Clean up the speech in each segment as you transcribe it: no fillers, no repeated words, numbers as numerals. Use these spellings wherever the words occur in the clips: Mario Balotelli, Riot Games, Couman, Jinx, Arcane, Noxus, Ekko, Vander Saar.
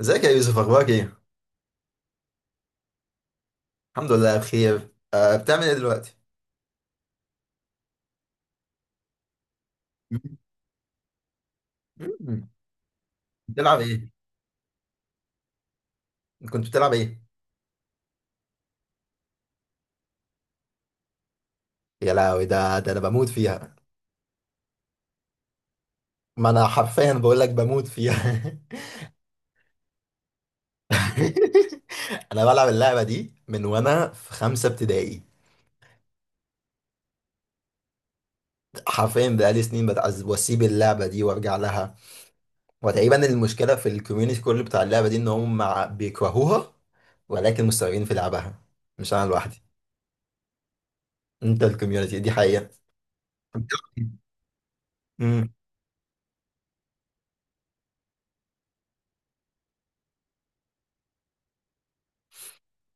ازيك يا يوسف، اخبارك ايه؟ الحمد لله بخير. بتعمل ايه دلوقتي؟ مم. بتلعب ايه؟ كنت بتلعب ايه؟ يا لهوي ده انا بموت فيها. ما انا حرفيا بقول لك بموت فيها. انا بلعب اللعبه دي من وانا في خمسه ابتدائي. حرفيا بقالي سنين بتعذب واسيب اللعبه دي وارجع لها. وتقريبا المشكله في الكوميونتي كله بتاع اللعبه دي ان هم بيكرهوها، ولكن مستمرين في لعبها، مش انا لوحدي. انت الكوميونتي دي حقيقه. مم.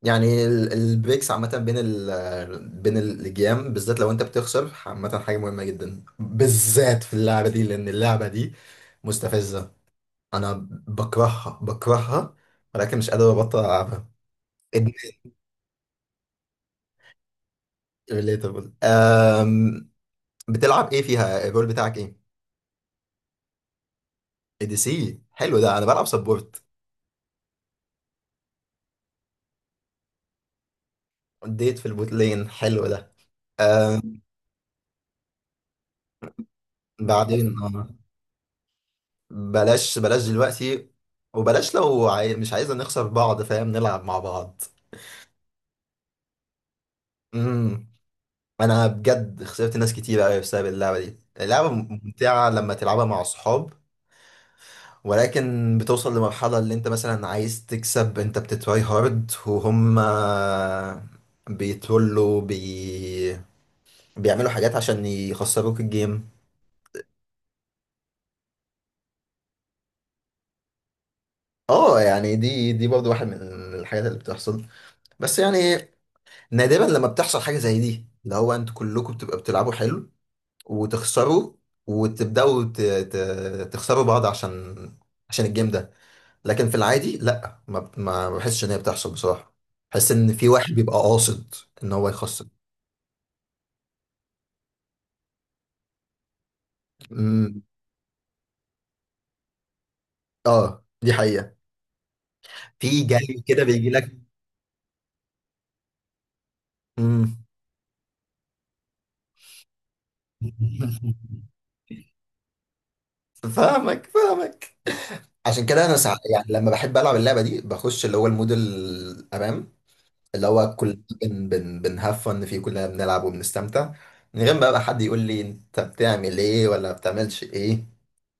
يعني البريكس عامة بين الجيام بالذات لو انت بتخسر، عامة حاجة مهمة جدا بالذات في اللعبة دي، لأن اللعبة دي مستفزة. أنا بكرهها بكرهها، ولكن مش قادر أبطل ألعبها. ريليتابل. بتلعب إيه فيها؟ الرول بتاعك إيه؟ اي دي سي حلو ده. أنا بلعب سبورت اديت في البوت لين. حلو ده. أم، بعدين، بلاش بلاش دلوقتي. وبلاش لو مش عايزة نخسر بعض، فاهم، نلعب مع بعض. امم. انا بجد خسرت ناس كتير قوي بسبب اللعبه دي. اللعبه ممتعه لما تلعبها مع اصحاب، ولكن بتوصل لمرحله اللي انت مثلا عايز تكسب، انت بتتراي هارد وهم بيتولوا بي... بيعملوا حاجات عشان يخسروك الجيم. اه يعني دي برضه واحد من الحاجات اللي بتحصل. بس يعني نادرا لما بتحصل حاجه زي دي، اللي هو انتوا كلكم بتبقى بتلعبوا حلو وتخسره، وتبداوا تخسروا بعض عشان الجيم ده. لكن في العادي لا، ما بحسش ان هي بتحصل بصراحه. بحس ان في واحد بيبقى قاصد ان هو يخسر. امم. اه دي حقيقه. في جاي كده بيجي لك. امم. فاهمك فاهمك. عشان كده انا يعني لما بحب العب اللعبه دي بخش اللي هو المود الامام، اللي هو كلنا بن بن بنهفن فيه، كلنا بنلعب وبنستمتع، من غير بقى حد يقول لي انت بتعمل ايه ولا بتعملش ايه.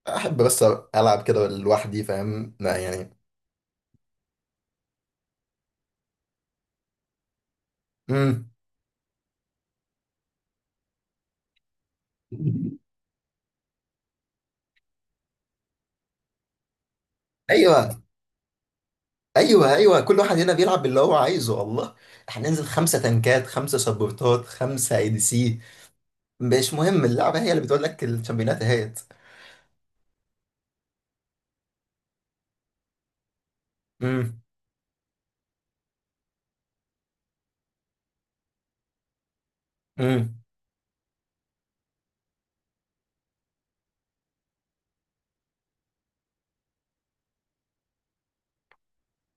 احب بس العب كده لوحدي، فاهم، لا يعني. امم. ايوه، ايوه، ايوه، كل واحد هنا بيلعب باللي هو عايزه والله. احنا ننزل خمسه تنكات، خمسه سبورتات، خمسه اي دي سي، مش مهم، اللعبه هي اللي بتقول لك الشامبيونات اهيت. امم. امم.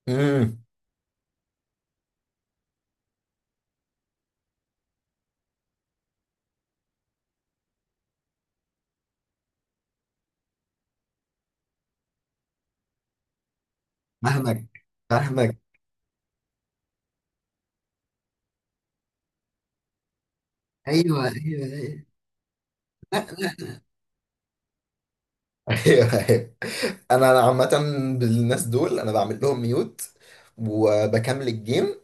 امم. فاهمك فاهمك. ايوه، ايوه، ايوه. ايوه، ايوه. انا عامه بالناس دول انا بعمل لهم ميوت وبكمل الجيم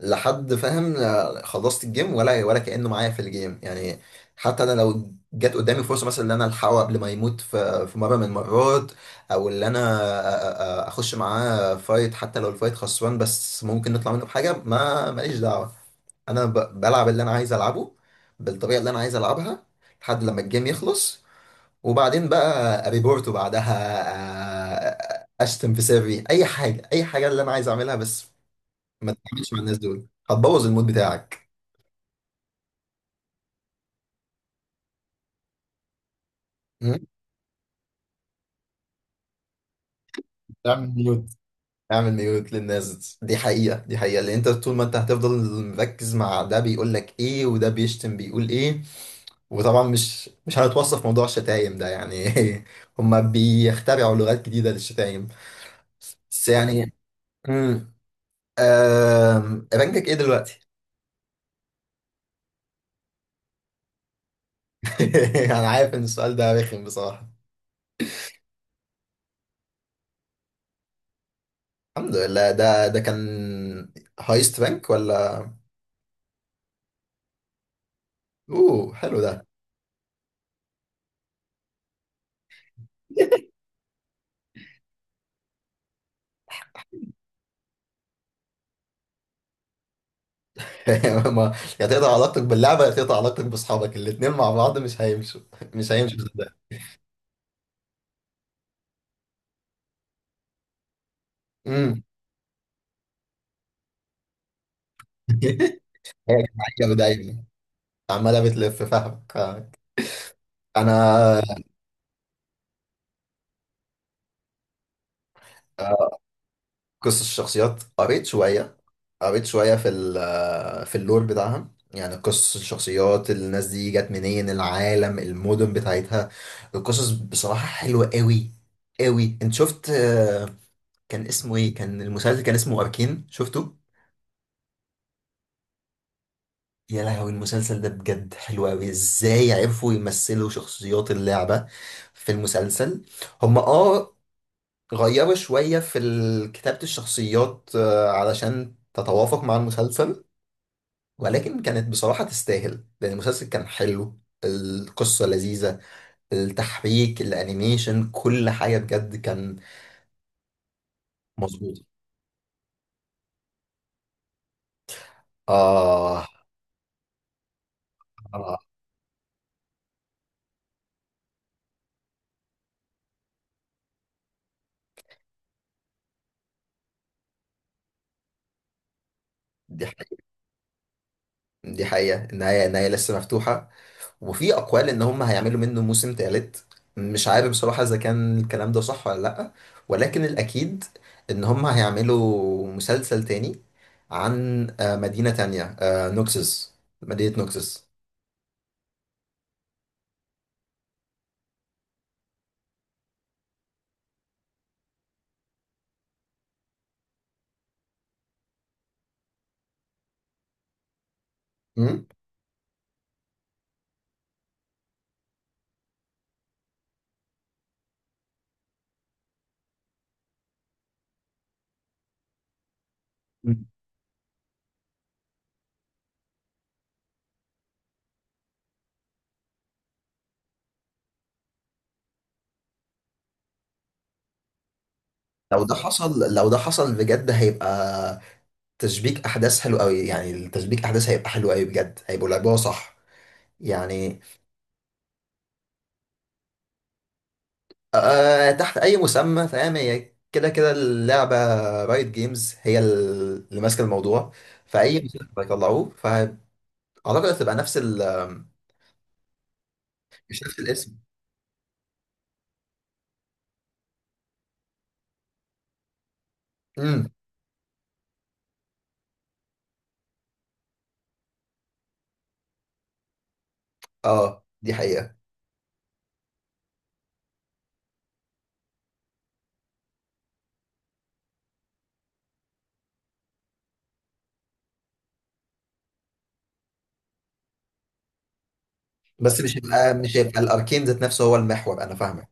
لحد، فاهم، خلصت الجيم، ولا ولا كانه معايا في الجيم يعني. حتى انا لو جت قدامي فرصه مثلا ان انا الحقه قبل ما يموت في مره من المرات، او ان انا اخش معاه فايت، حتى لو الفايت خسران بس ممكن نطلع منه بحاجه، ما ماليش دعوه. انا بلعب اللي انا عايز العبه، بالطريقه اللي انا عايز العبها، لحد لما الجيم يخلص، وبعدين بقى ريبورت، وبعدها اشتم في سري اي حاجه، اي حاجه اللي انا عايز اعملها بس. ما تعملش مع الناس دول، هتبوظ المود بتاعك. مم؟ اعمل ميوت. اعمل ميوت للناس، دي حقيقه دي حقيقه، لان انت طول ما انت هتفضل مركز مع ده بيقول لك ايه وده بيشتم بيقول ايه. وطبعا مش هنتوصف موضوع الشتايم ده يعني. هما بيخترعوا لغات جديده للشتايم. بس يعني. امم. رانكك ايه دلوقتي؟ انا عارف ان السؤال ده رخم بصراحة. الحمد لله ده كان هايست بانك ولا؟ اوه حلو ده. ما يا تقطع علاقتك باللعبة يا تقطع علاقتك باصحابك، الاتنين مع بعض مش هيمشوا. مش هيمشوا صدق. امم. هي كانت عجبة دايما، عمالة بتلف، فاهمك آه. انا قصص الشخصيات قريت شوية. قريت شوية في في اللور بتاعها، يعني قصص الشخصيات، الناس دي جت منين، العالم، المدن بتاعتها. القصص بصراحة حلوة قوي قوي. انت شفت، كان اسمه ايه، كان المسلسل كان اسمه أركين، شفته؟ يا لهوي المسلسل ده بجد حلو قوي. ازاي عرفوا يمثلوا شخصيات اللعبة في المسلسل؟ هم اه غيروا شوية في كتابة الشخصيات علشان تتوافق مع المسلسل، ولكن كانت بصراحة تستاهل لأن المسلسل كان حلو. القصة لذيذة، التحبيك، الأنيميشن، كل حاجة بجد كان مظبوط. آه. آه، دي حقيقة. دي حقيقة، النهاية، النهاية لسه مفتوحة. وفي أقوال إن هم هيعملوا منه موسم تالت. مش عارف بصراحة إذا كان الكلام ده صح ولا لأ، ولكن الأكيد إن هم هيعملوا مسلسل تاني عن مدينة تانية، نوكسس. مدينة نوكسس. مم؟ لو ده حصل، لو ده حصل بجد، هيبقى تشبيك احداث حلو قوي. يعني التشبيك احداث هيبقى حلو قوي بجد، هيبقوا لعبوها صح يعني. آه، تحت اي مسمى فاهم. هي كده كده اللعبه رايت جيمز هي اللي ماسكه الموضوع، فاي مسمى هيطلعوه فاعتقد هتبقى نفس مش نفس الاسم. امم. اه دي حقيقه. بس مش هيبقى، مش هيبقى الاركين ذات نفسه هو المحور، انا فاهمك.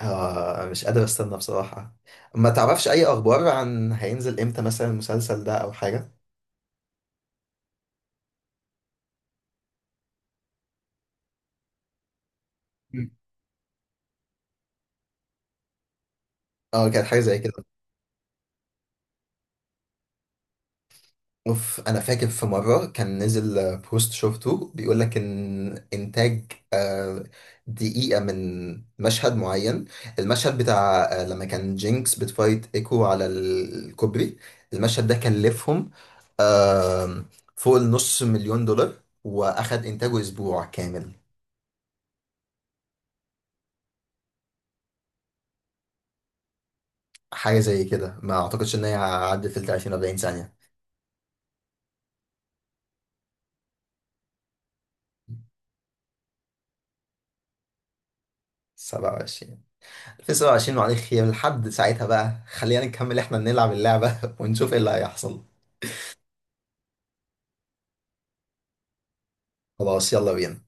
آه مش قادر استنى بصراحة. ما تعرفش اي اخبار عن هينزل امتى مثلا المسلسل ده او حاجة؟ مم. اه كانت حاجة زي كده. اوف انا فاكر في مرة كان نزل بوست شفته بيقول لك ان انتاج دقيقة من مشهد معين، المشهد بتاع لما كان جينكس بتفايت ايكو على الكوبري، المشهد ده كلفهم آم، فوق النص مليون دولار، واخد انتاجه اسبوع كامل. حاجة زي كده، ما أعتقدش إن هي عدت ال 30 40 ثانية. 27، 2027. معلش، يا لحد ساعتها بقى خلينا نكمل إحنا نلعب اللعبة. ونشوف إيه اللي هيحصل. خلاص يلا بينا.